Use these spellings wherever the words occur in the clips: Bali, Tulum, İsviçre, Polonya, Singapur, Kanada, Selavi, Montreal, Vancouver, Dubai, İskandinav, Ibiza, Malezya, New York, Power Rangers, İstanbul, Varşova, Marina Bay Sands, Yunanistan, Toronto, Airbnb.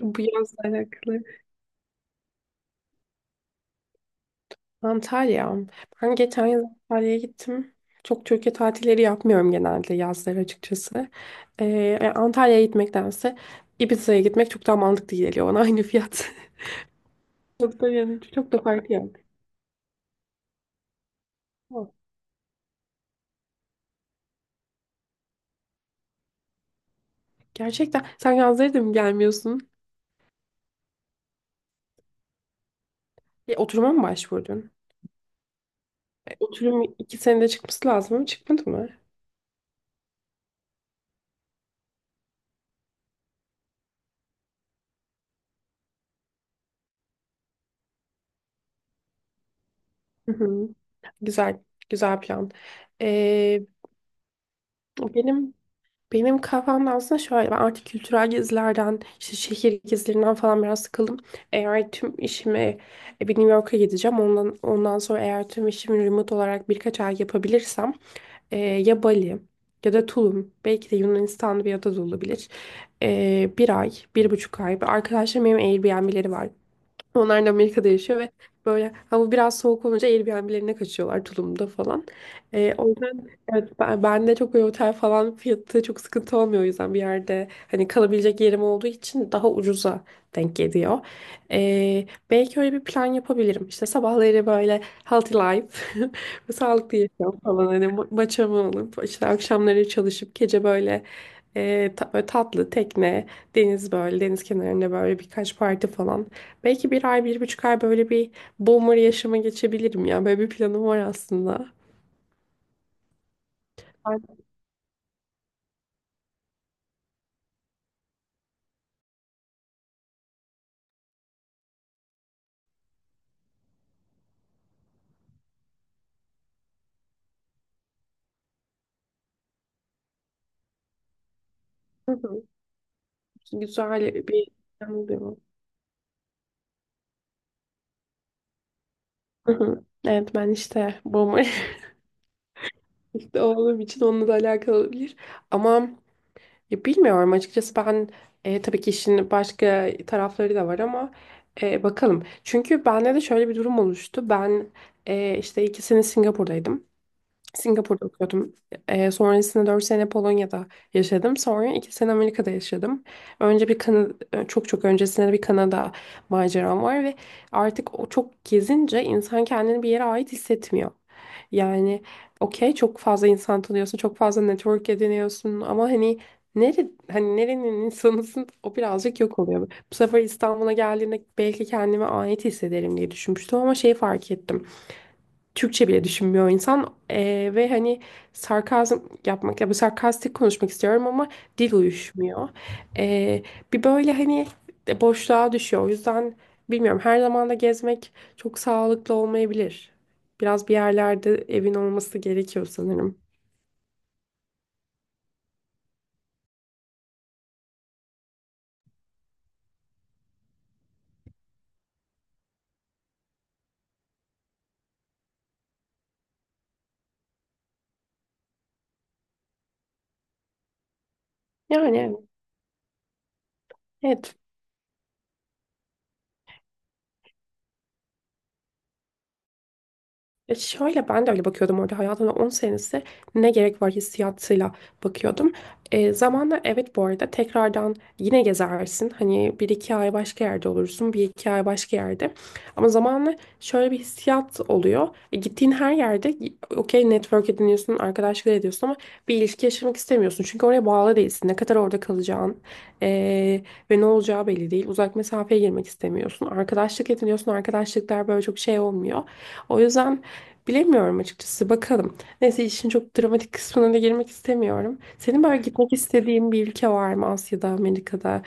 Bu yazla alakalı. Antalya. Ben geçen yıl Antalya'ya gittim. Çok Türkiye tatilleri yapmıyorum genelde yazları açıkçası. Yani Antalya'ya gitmektense Ibiza'ya gitmek çok daha mantıklı geliyor bana aynı fiyat. Çok da yani çok da farkı yok. Ama Gerçekten sen yazları da mı gelmiyorsun? Oturuma mı başvurdun? Oturum iki senede çıkması lazım ama çıkmadı mı? Hı hı. Güzel, güzel plan. Ee, benim Benim kafamda aslında şöyle ben artık kültürel gezilerden işte şehir gezilerinden falan biraz sıkıldım. Eğer tüm işimi bir New York'a gideceğim. Ondan sonra eğer tüm işimi remote olarak birkaç ay yapabilirsem ya Bali ya da Tulum belki de Yunanistan'da bir ada da olabilir. Bir ay, bir buçuk ay. Arkadaşlarım benim Airbnb'leri var. Onlar da Amerika'da yaşıyor ve böyle hava biraz soğuk olunca Airbnb'lerine kaçıyorlar Tulum'da falan. O yüzden evet ben de çok böyle otel falan fiyatı çok sıkıntı olmuyor o yüzden bir yerde hani kalabilecek yerim olduğu için daha ucuza denk geliyor. Belki öyle bir plan yapabilirim. İşte sabahları böyle healthy life, sağlıklı yaşam falan hani maçamı alıp işte akşamları çalışıp gece böyle böyle tatlı tekne, deniz kenarında böyle birkaç parti falan. Belki bir ay, bir buçuk ay böyle bir boomer yaşama geçebilirim ya. Böyle bir planım var aslında. Ay, hı hı. Güzel bir plan oluyor. Hı hı. Evet ben işte boomer işte olduğum için onunla da alakalı olabilir. Ama ya bilmiyorum açıkçası ben tabii ki işin başka tarafları da var ama bakalım. Çünkü bende de şöyle bir durum oluştu. Ben işte 2 sene Singapur'daydım. Singapur'da okuyordum. Sonrasında 4 sene Polonya'da yaşadım. Sonra 2 sene Amerika'da yaşadım. Önce bir Kanada, çok çok öncesinde de bir Kanada maceram var ve artık o çok gezince insan kendini bir yere ait hissetmiyor. Yani okey çok fazla insan tanıyorsun, çok fazla network ediniyorsun ama hani hani nerenin insanısın o birazcık yok oluyor. Bu sefer İstanbul'a geldiğimde belki kendime ait hissederim diye düşünmüştüm ama şeyi fark ettim. Türkçe bile düşünmüyor insan. Ve hani sarkazm yapmak ya bu sarkastik konuşmak istiyorum ama dil uyuşmuyor. Eee, Bir böyle hani de boşluğa düşüyor. O yüzden bilmiyorum her zaman da gezmek çok sağlıklı olmayabilir. Biraz bir yerlerde evin olması gerekiyor sanırım. Yani evet. Ya şöyle ben de öyle bakıyordum orada hayatımda 10 senesi ne gerek var hissiyatıyla bakıyordum. Zamanla evet bu arada tekrardan yine gezersin. Hani bir iki ay başka yerde olursun, bir iki ay başka yerde. Ama zamanla şöyle bir hissiyat oluyor. Gittiğin her yerde okey network ediniyorsun, arkadaşlık ediyorsun ama bir ilişki yaşamak istemiyorsun. Çünkü oraya bağlı değilsin. Ne kadar orada kalacağın e, ve ne olacağı belli değil. Uzak mesafeye girmek istemiyorsun. Arkadaşlık ediniyorsun, arkadaşlıklar böyle çok şey olmuyor. O yüzden bilemiyorum açıkçası. Bakalım. Neyse işin çok dramatik kısmına da girmek istemiyorum. Senin böyle gitmek istediğin bir ülke var mı Asya'da, Amerika'da?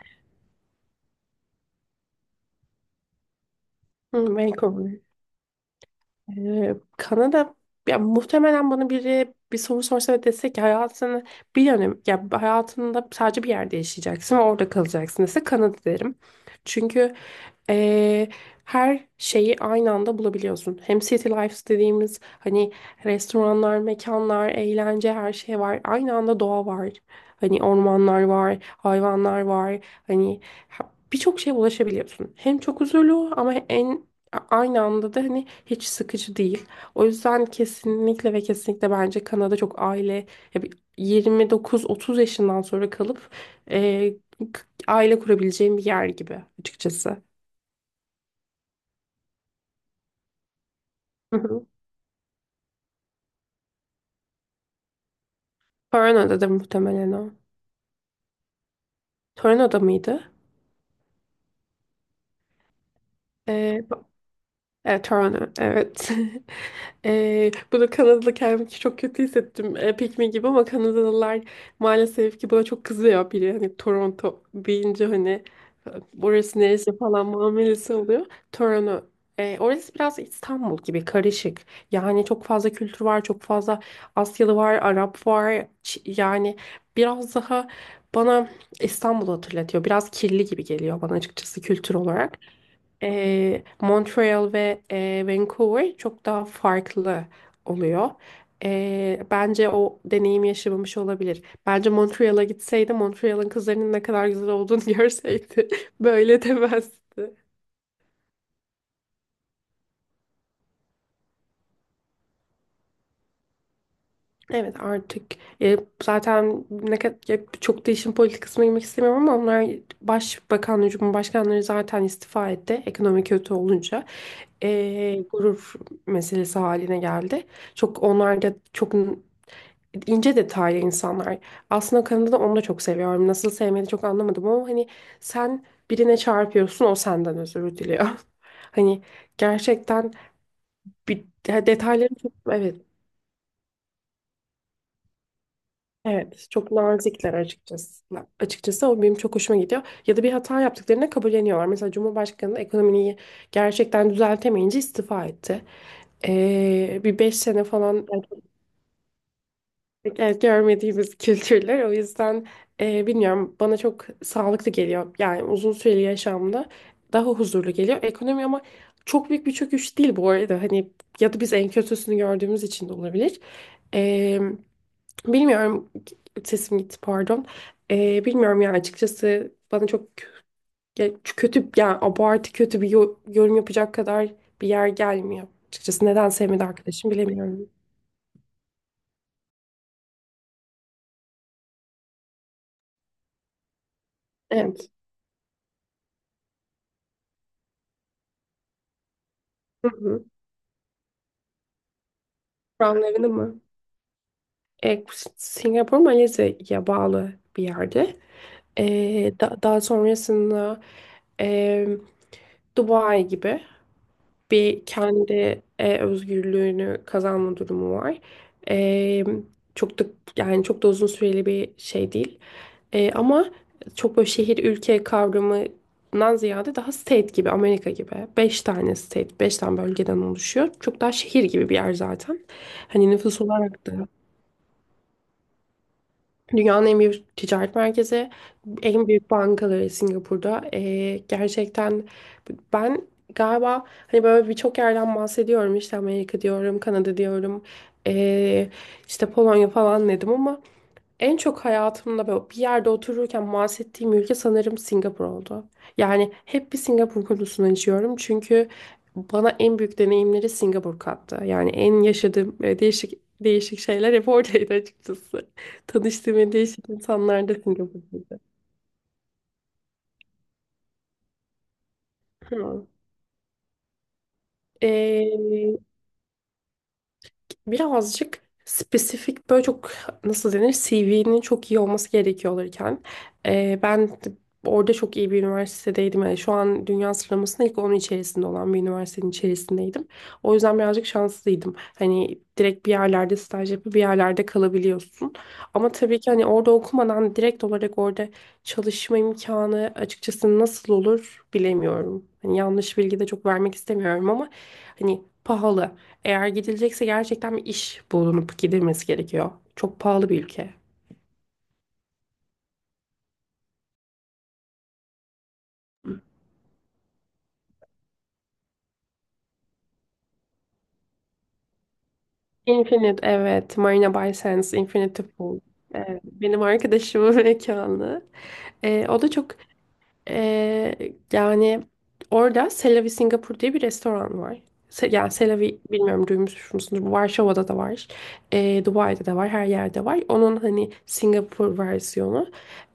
Hmm, Vancouver. Kanada ya muhtemelen bana biri bir soru sorsa ve dese ki hayatını bir yönem ya hayatında sadece bir yerde yaşayacaksın ve orada kalacaksın dese Kanada derim. Çünkü ee, her şeyi aynı anda bulabiliyorsun. Hem city life dediğimiz hani restoranlar, mekanlar, eğlence her şey var. Aynı anda doğa var. Hani ormanlar var, hayvanlar var. Hani birçok şeye ulaşabiliyorsun. Hem çok huzurlu ama en Aynı anda da hani hiç sıkıcı değil. O yüzden kesinlikle ve kesinlikle bence Kanada çok aile ya bir 29-30 yaşından sonra kalıp e, k- aile kurabileceğim bir yer gibi açıkçası. Hı hı. Toronto'da da muhtemelen o. Toronto'da mıydı? E, Evet, Toronto. Evet. Bunu Kanadalı kendimi çok kötü hissettim. Pikmin gibi ama Kanadalılar maalesef ki buna çok kızıyor biri. Hani Toronto deyince hani e, orası neresi falan muamelesi oluyor. Toronto. Orası biraz İstanbul gibi karışık. Yani çok fazla kültür var, çok fazla Asyalı var, Arap var. Yani biraz daha bana İstanbul'u hatırlatıyor. Biraz kirli gibi geliyor bana açıkçası kültür olarak. Montreal ve Vancouver çok daha farklı oluyor. Bence o deneyim yaşamamış olabilir. Bence Montreal'a gitseydi, Montreal'ın kızlarının ne kadar güzel olduğunu görseydi böyle demezdi. Evet artık e, zaten ne kadar çok da işin politik kısmına girmek istemiyorum ama onlar başbakan, cumhurbaşkanları zaten istifa etti ekonomi kötü olunca. Gurur meselesi haline geldi. Çok onlar da çok ince detaylı insanlar. Aslında Kanada'da onu da çok seviyorum. Nasıl sevmedi çok anlamadım ama hani sen birine çarpıyorsun o senden özür diliyor. Hani gerçekten bir ya detayları çok evet evet çok nazikler açıkçası. Açıkçası o benim çok hoşuma gidiyor. Ya da bir hata yaptıklarını kabulleniyorlar. Mesela Cumhurbaşkanı ekonomiyi gerçekten düzeltemeyince istifa etti. Bir beş sene falan. Evet, görmediğimiz kültürler. O yüzden bilmiyorum bana çok sağlıklı geliyor. Yani uzun süreli yaşamda daha huzurlu geliyor. Ekonomi ama çok büyük bir çöküş değil bu arada. Hani ya da biz en kötüsünü gördüğümüz için de olabilir. E, Bilmiyorum, sesim gitti pardon. Bilmiyorum yani açıkçası bana çok ya, kötü yani abartı kötü bir yorum yapacak kadar bir yer gelmiyor. Açıkçası neden sevmedi arkadaşım bilemiyorum. Evet. Hı hı. Kur'an mı? E, Singapur Malezya'ya bağlı bir yerde. Daha sonrasında e, Dubai gibi bir kendi özgürlüğünü kazanma durumu var. E, Çok da yani çok da uzun süreli bir şey değil. Ama çok böyle şehir ülke kavramından ziyade daha state gibi Amerika gibi. Beş tane state, beş tane bölgeden oluşuyor. Çok daha şehir gibi bir yer zaten. Hani nüfus olarak da. Dünyanın en büyük ticaret merkezi, en büyük bankaları Singapur'da. Gerçekten ben galiba hani böyle birçok yerden bahsediyorum. İşte Amerika diyorum, Kanada diyorum, ee, işte Polonya falan dedim ama en çok hayatımda böyle bir yerde otururken bahsettiğim ülke sanırım Singapur oldu. Yani hep bir Singapur konusunu açıyorum çünkü bana en büyük deneyimleri Singapur kattı. Yani en yaşadığım değişik şeyler hep oradaydı açıkçası. Tanıştığım en değişik insanlar da Singapur'daydı. Hı. Ee, Birazcık spesifik böyle çok nasıl denir CV'nin çok iyi olması gerekiyor olurken ben de orada çok iyi bir üniversitedeydim. Yani şu an dünya sıralamasında ilk onun içerisinde olan bir üniversitenin içerisindeydim. O yüzden birazcık şanslıydım. Hani direkt bir yerlerde staj yapıp bir yerlerde kalabiliyorsun. Ama tabii ki hani orada okumadan direkt olarak orada çalışma imkanı açıkçası nasıl olur bilemiyorum. Hani yanlış bilgi de çok vermek istemiyorum ama hani pahalı. Eğer gidilecekse gerçekten bir iş bulunup gidilmesi gerekiyor. Çok pahalı bir ülke. Infinite evet. Marina Bay Sands, Infinity Pool. Evet, benim arkadaşımın mekanı. O da çok. Ee, Yani orada Selavi Singapur diye bir restoran var. Yani Selavi bilmiyorum duymuş musunuz? Varşova'da da var. Dubai'de de var. Her yerde var. Onun hani Singapur versiyonu.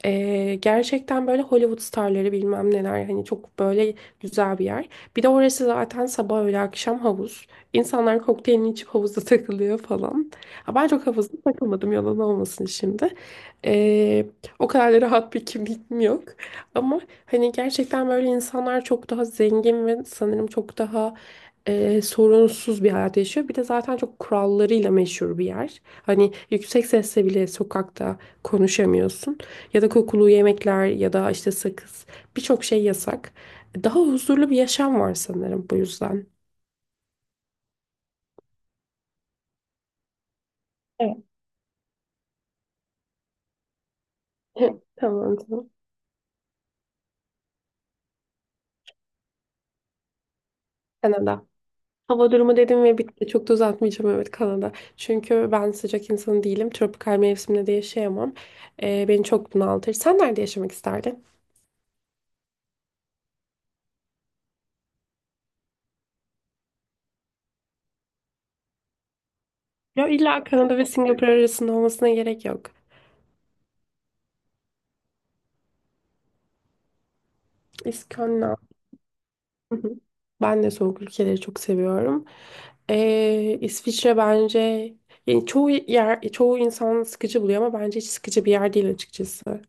Gerçekten böyle Hollywood starları bilmem neler. Hani çok böyle güzel bir yer. Bir de orası zaten sabah öğle akşam havuz. İnsanlar kokteylini içip havuzda takılıyor falan. Ha, ben çok havuzda takılmadım yalan olmasın şimdi. Ee, O kadar da rahat bir kimliğim yok. Ama hani gerçekten böyle insanlar çok daha zengin ve sanırım çok daha sorunsuz bir hayat yaşıyor. Bir de zaten çok kurallarıyla meşhur bir yer. Hani yüksek sesle bile sokakta konuşamıyorsun. Ya da kokulu yemekler ya da işte sakız birçok şey yasak. Daha huzurlu bir yaşam var sanırım bu yüzden. Evet. Tamam, tamam. Kanada. Hava durumu dedim ve bitti. Çok da uzatmayacağım, evet Kanada. Çünkü ben sıcak insanı değilim. Tropikal mevsimde de yaşayamam. Beni çok bunaltır. Sen nerede yaşamak isterdin? Ya illa Kanada ve Singapur arasında olmasına gerek yok. İskandinav. Hı hı. Ben de soğuk ülkeleri çok seviyorum. İsviçre bence yani çoğu yer çoğu insan sıkıcı buluyor ama bence hiç sıkıcı bir yer değil açıkçası.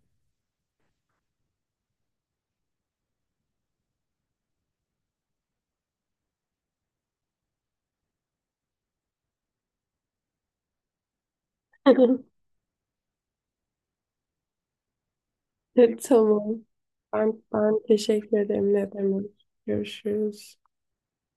Tamam. Ben teşekkür ederim. Ne demek. Görüşürüz.